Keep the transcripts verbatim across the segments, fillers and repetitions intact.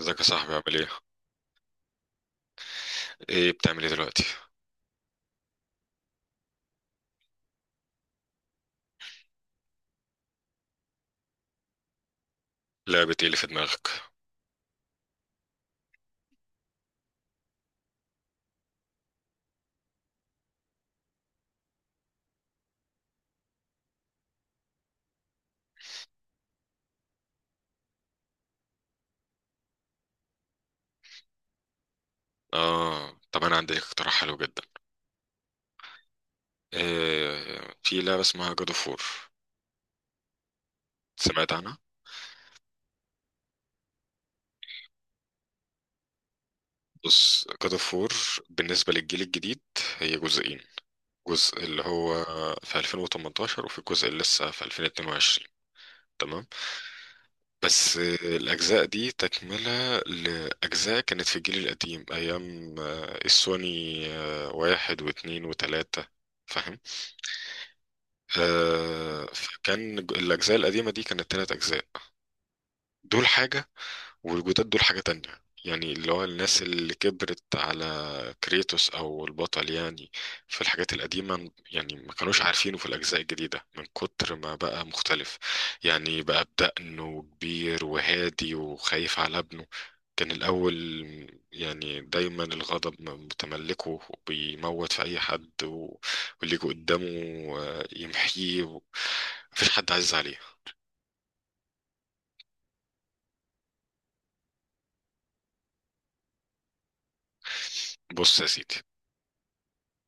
ازيك يا صاحبي؟ عامل ايه؟ ايه بتعمل ايه دلوقتي؟ لعبة ايه اللي في دماغك؟ اه، طب انا عندي لك اقتراح حلو جدا. إيه، في لعبة اسمها جاد اوف وور. سمعت عنها؟ بص، جاد اوف وور بالنسبة للجيل الجديد هي جزئين. جزء اللي هو في ألفين وتمنتاشر وفي الجزء اللي لسه في ألفين واتنين وعشرين. تمام، بس آه، الأجزاء دي تكملة لأجزاء كانت في الجيل القديم أيام آه، السوني آه، واحد واثنين وثلاثة. آه، فكان ج- الأجزاء القديمة دي كانت تلات أجزاء. دول حاجة، والجداد دول حاجة تانية، يعني اللي هو الناس اللي كبرت على كريتوس أو البطل يعني في الحاجات القديمة، يعني ما كانوش عارفينه في الأجزاء الجديدة من كتر ما بقى مختلف. يعني بقى بدقن وكبير وهادي وخايف على ابنه. كان الأول يعني دايما الغضب متملكه وبيموت في أي حد و- واللي يجي قدامه آه، يمحيه، مفيش حد عزيز عليه. بص يا سيدي،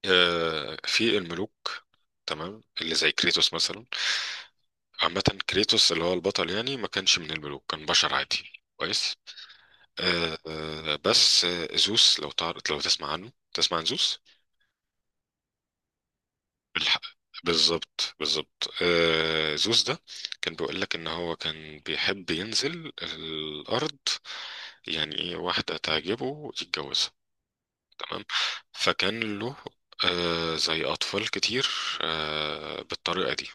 آه، في الملوك، تمام، اللي زي كريتوس مثلا. عامة كريتوس اللي هو البطل يعني ما كانش من الملوك، كان بشر عادي. كويس. آه، آه، بس آه، زوس، لو تعرف، لو تسمع عنه، تسمع عن زوس. بالحق، بالظبط بالظبط آه، زوس ده كان بيقول لك ان هو كان بيحب ينزل الارض، يعني ايه واحدة تعجبه يتجوزها، تمام. فكان له آه، زي اطفال كتير آه، بالطريقة دي.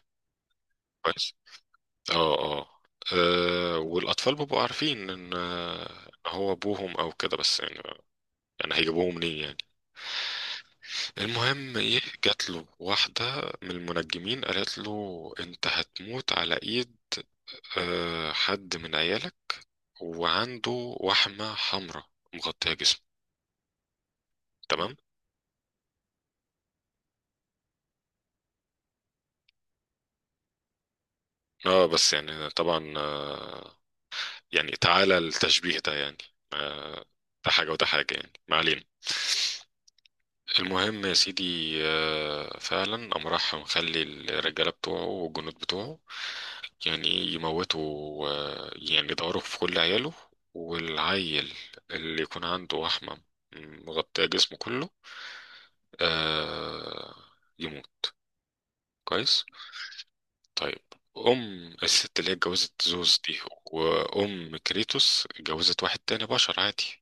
كويس. اه، اه، آه، والاطفال بيبقوا عارفين ان آه، ان هو ابوهم او كده، بس يعني يعني هيجيبوه منين يعني؟ المهم ايه، جات له واحده من المنجمين قالت له: انت هتموت على ايد آه، حد من عيالك، وعنده وحمه حمراء مغطيه جسمه. تمام. اه، بس يعني طبعا آه، يعني تعالى التشبيه ده يعني، آه، ده حاجه وده حاجه، يعني ما علينا. المهم يا سيدي، آه، فعلا قام راح مخلي الرجالة بتوعه والجنود بتوعه، يعني ايه، يموتوا آه، يعني يدوروا في كل عياله، والعيل اللي يكون عنده وحمة مغطية جسمه كله آه، يموت. كويس. طيب، أم الست اللي هي اتجوزت زوز دي وأم كريتوس اتجوزت واحد تاني بشر عادي،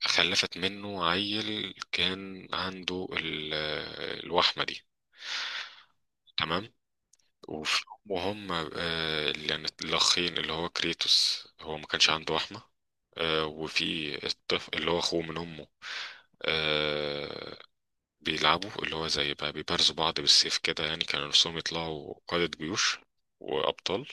خلفت منه عيل كان عنده ال- آه، الوحمة دي. تمام. وف- وهم آه، اللي يعني الأخين، اللي هو كريتوس هو ما كانش عنده وحمة آه، وفي الطفل اللي هو أخوه من أمه آه، بيلعبوا، اللي هو زي بقى بيبارزوا بعض بالسيف كده، يعني كانوا نفسهم يطلعوا قادة جيوش وأبطال.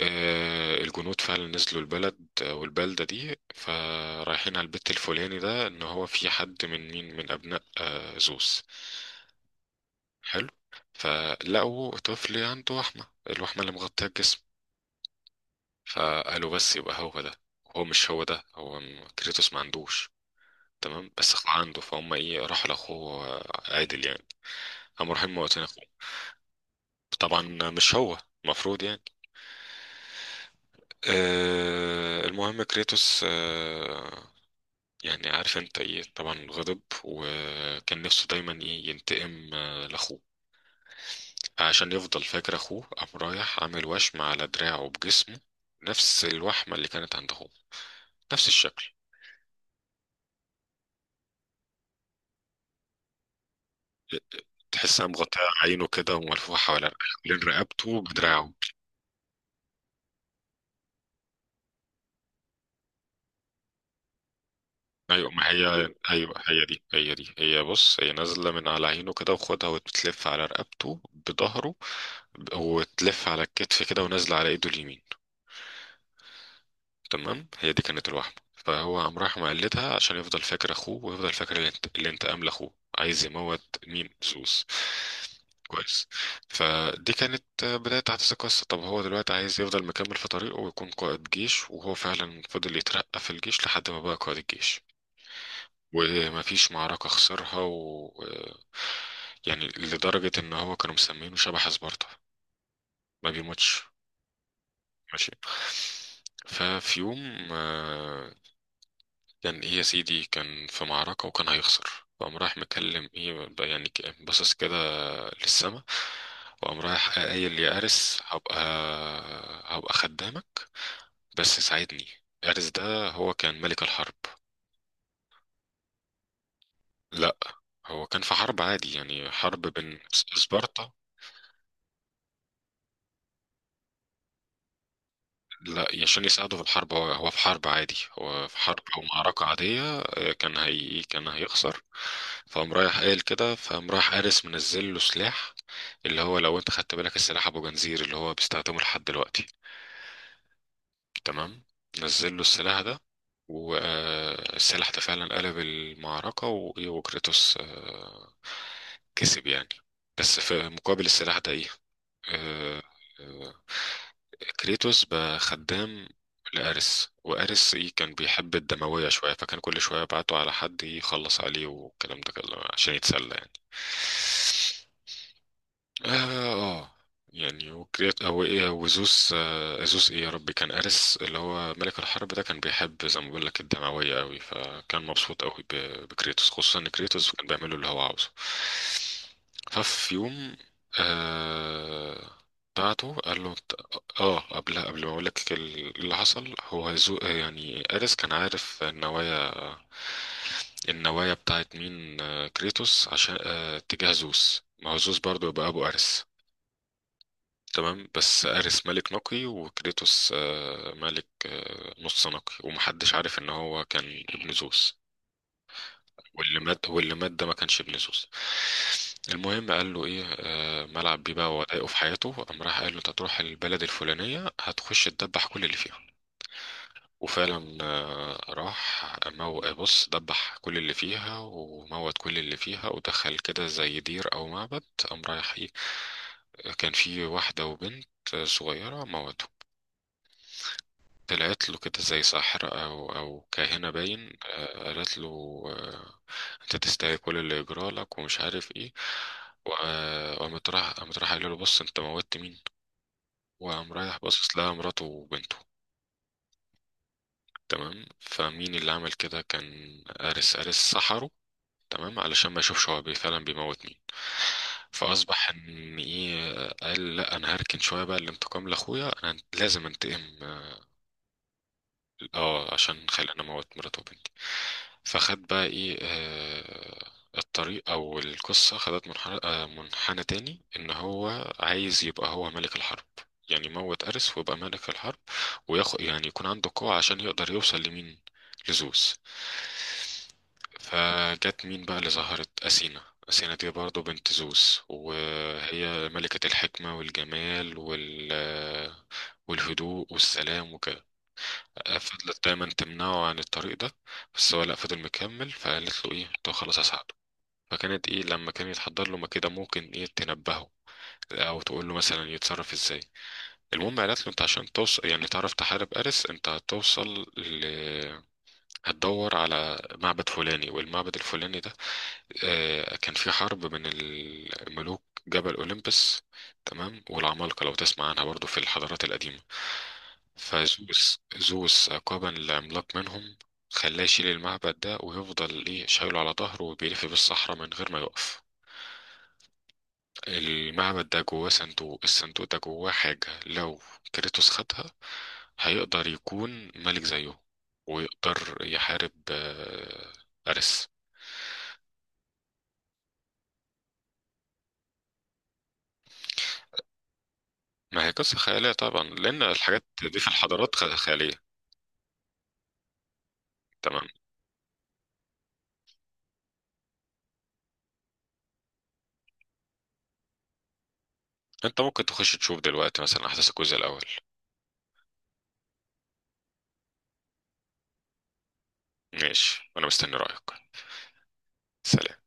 آه، الجنود فعلا نزلوا البلد آه، والبلدة دي، فرايحين على البيت الفلاني ده إن هو في حد من مين، من أبناء آه، زوس. حلو. فلقوا طفل عنده وحمة، الوحمة اللي مغطية الجسم، فقالوا بس يبقى هو ده. هو مش هو ده، هو م- كريتوس ما عندوش، تمام، بس أخوه عنده، فهم ايه، راحوا لأخوه آه، عادل يعني. قاموا رايحين موتين أخوه. طبعا مش هو المفروض يعني. آه، المهم كريتوس آه، يعني عارف انت ايه طبعا، غضب وكان نفسه دايما ايه، ينتقم آه لأخوه. عشان يفضل فاكر اخوه قام رايح عامل وشم على دراعه بجسمه، نفس الوحمة اللي كانت عند اخوه، نفس الشكل. تحسها مغطية عينه كده وملفوفة حوالين، حوالين رقبته بدراعه. ايوه، ما هي ايوه، هي دي، هي دي، هي بص هي نازلة من على عينه كده وخدها وتلف على رقبته بظهره، وتلف على الكتف كده ونازلة على ايده اليمين. تمام، هي دي كانت الوحمة. فهو قام راح مقلدها عشان يفضل فاكر اخوه ويفضل فاكر الانت- الانتقام لاخوه، عايز يموت مين؟ سوس. كويس. فدي كانت بداية أحداث القصة. طب هو دلوقتي عايز يفضل مكمل في طريقه ويكون قائد جيش، وهو فعلا فضل يترقى في الجيش لحد ما بقى قائد الجيش ومفيش معركة خسرها، و... يعني لدرجة إن هو كانوا مسمينه شبح سبارتا، ما بيموتش. ماشي. ففي يوم كان ايه يا سيدي، كان في معركة وكان هيخسر، فقام رايح مكلم ايه بقى، يعني ك- باصص كده للسما، وقام رايح قايل: يا أرس، هبقى هبقى خدامك، بس ساعدني. أرس ده هو كان ملك الحرب. لا، هو كان في حرب عادي يعني، حرب بين سبارتا. لا، عشان يساعده في الحرب، هو هو في حرب عادي، هو في حرب او معركة عادية آه، كان هي كان هيخسر. فقام رايح قايل كده، فقام رايح قارس منزل له سلاح، اللي هو لو انت خدت بالك السلاح ابو جنزير اللي هو بيستخدمه لحد دلوقتي، تمام. نزل له السلاح ده، والسلاح ده فعلا قلب المعركة و- وكريتوس آه، كسب يعني. بس في مقابل السلاح ده ايه؟ آه، آه، كريتوس بقى خدام لأريس، وأريس إيه، كان بيحب الدموية شوية، فكان كل شوية بعته على حد يخلص عليه والكلام ده كله عشان يتسلى يعني. اه، آه. يعني وكريات او ايه وزوس، آه زوس، ايه يا ربي، كان ارس اللي هو ملك الحرب ده كان بيحب زي ما بقول لك الدمويه قوي، فكان مبسوط قوي ب- بكريتوس خصوصا ان كريتوس كان بيعمله اللي هو عاوزه. ففي يوم آه، بعته قال له ت- اه، قبل قبل ما اقول لك ال- اللي حصل، هو زو يعني ارس كان عارف النوايا النوايا بتاعت مين، آه، كريتوس، عشان اتجاه زوس، ما هو زوس برضه يبقى ابو ارس. تمام، بس ارس ملك نقي وكريتوس آه، ملك آه، نص نقي، ومحدش عارف ان هو كان ابن زوس. واللي مات، واللي مات ده ما كانش ابن زوس. المهم قال له ايه، آه، ملعب بيه بقى وضايقه في حياته، قام راح قال له: انت هتروح البلد الفلانيه هتخش تدبح كل اللي فيها. وفعلا آه، راح مو... بص دبح كل اللي فيها وموت كل اللي فيها، ودخل كده زي دير او معبد. قام رايح ايه، كان في واحدة وبنت صغيرة موتهم. طلعت له كده زي ساحرة أو أو كاهنة باين، آه، قالت له: آه، أنت تستاهل كل اللي يجرى لك ومش عارف إيه، وآه، وقامت راح قامت راح قال له: بص، أنت موتت مين؟ وقام رايح باصص لها مراته وبنته. تمام، فمين اللي عمل كده؟ كان أرس، أرس سحره، تمام، علشان ما يشوفش هو بي- فعلا بيموت مين. فاصبح ان ايه، قال: لا، انا هركن شويه بقى الانتقام لاخويا، انا لازم انتقم. اه، عشان خلاني اموت مراته وبنتي. فخد بقى ايه آه، الطريق او القصه خدت منحنى آه، منحنى تاني، ان هو عايز يبقى هو ملك الحرب، يعني يموت أرس ويبقى ملك الحرب، وياخد يعني يكون عنده قوة عشان يقدر يوصل لمين؟ لزوس. فجت مين بقى اللي ظهرت؟ أثينا. أثينا دي برضه بنت زوس، وهي ملكة الحكمة والجمال وال والهدوء والسلام وكده. فضلت دايما تمنعه عن الطريق ده، بس هو لأ، فضل مكمل، فقالت له ايه، طب خلاص هساعده. فكانت ايه، لما كان يتحضر له ما كده ممكن ايه تنبهه او تقول له مثلا يتصرف ازاي. المهم قالت له: انت عشان توصل يعني تعرف تحارب ارس، انت هتوصل ل... هتدور على معبد فلاني، والمعبد الفلاني ده آه، كان في حرب بين الملوك، جبل أوليمبس، تمام، والعمالقة لو تسمع عنها برضو في الحضارات القديمة. فزوس، زوس عقابا لعملاق منهم، خلاه يشيل المعبد ده ويفضل ايه شايله على ظهره وبيلف بالصحراء من غير ما يقف. المعبد ده جواه صندوق، الصندوق ده جواه حاجة لو كريتوس خدها هيقدر يكون ملك زيه، ويقدر يحارب آه، أرس. ما هي قصة خيالية طبعا، لأن الحاجات دي في الحضارات خ- خيالية. تمام، أنت ممكن تخش تشوف دلوقتي مثلا أحداث الجزء الأول. ماشي، وأنا مستني رأيك. سلام.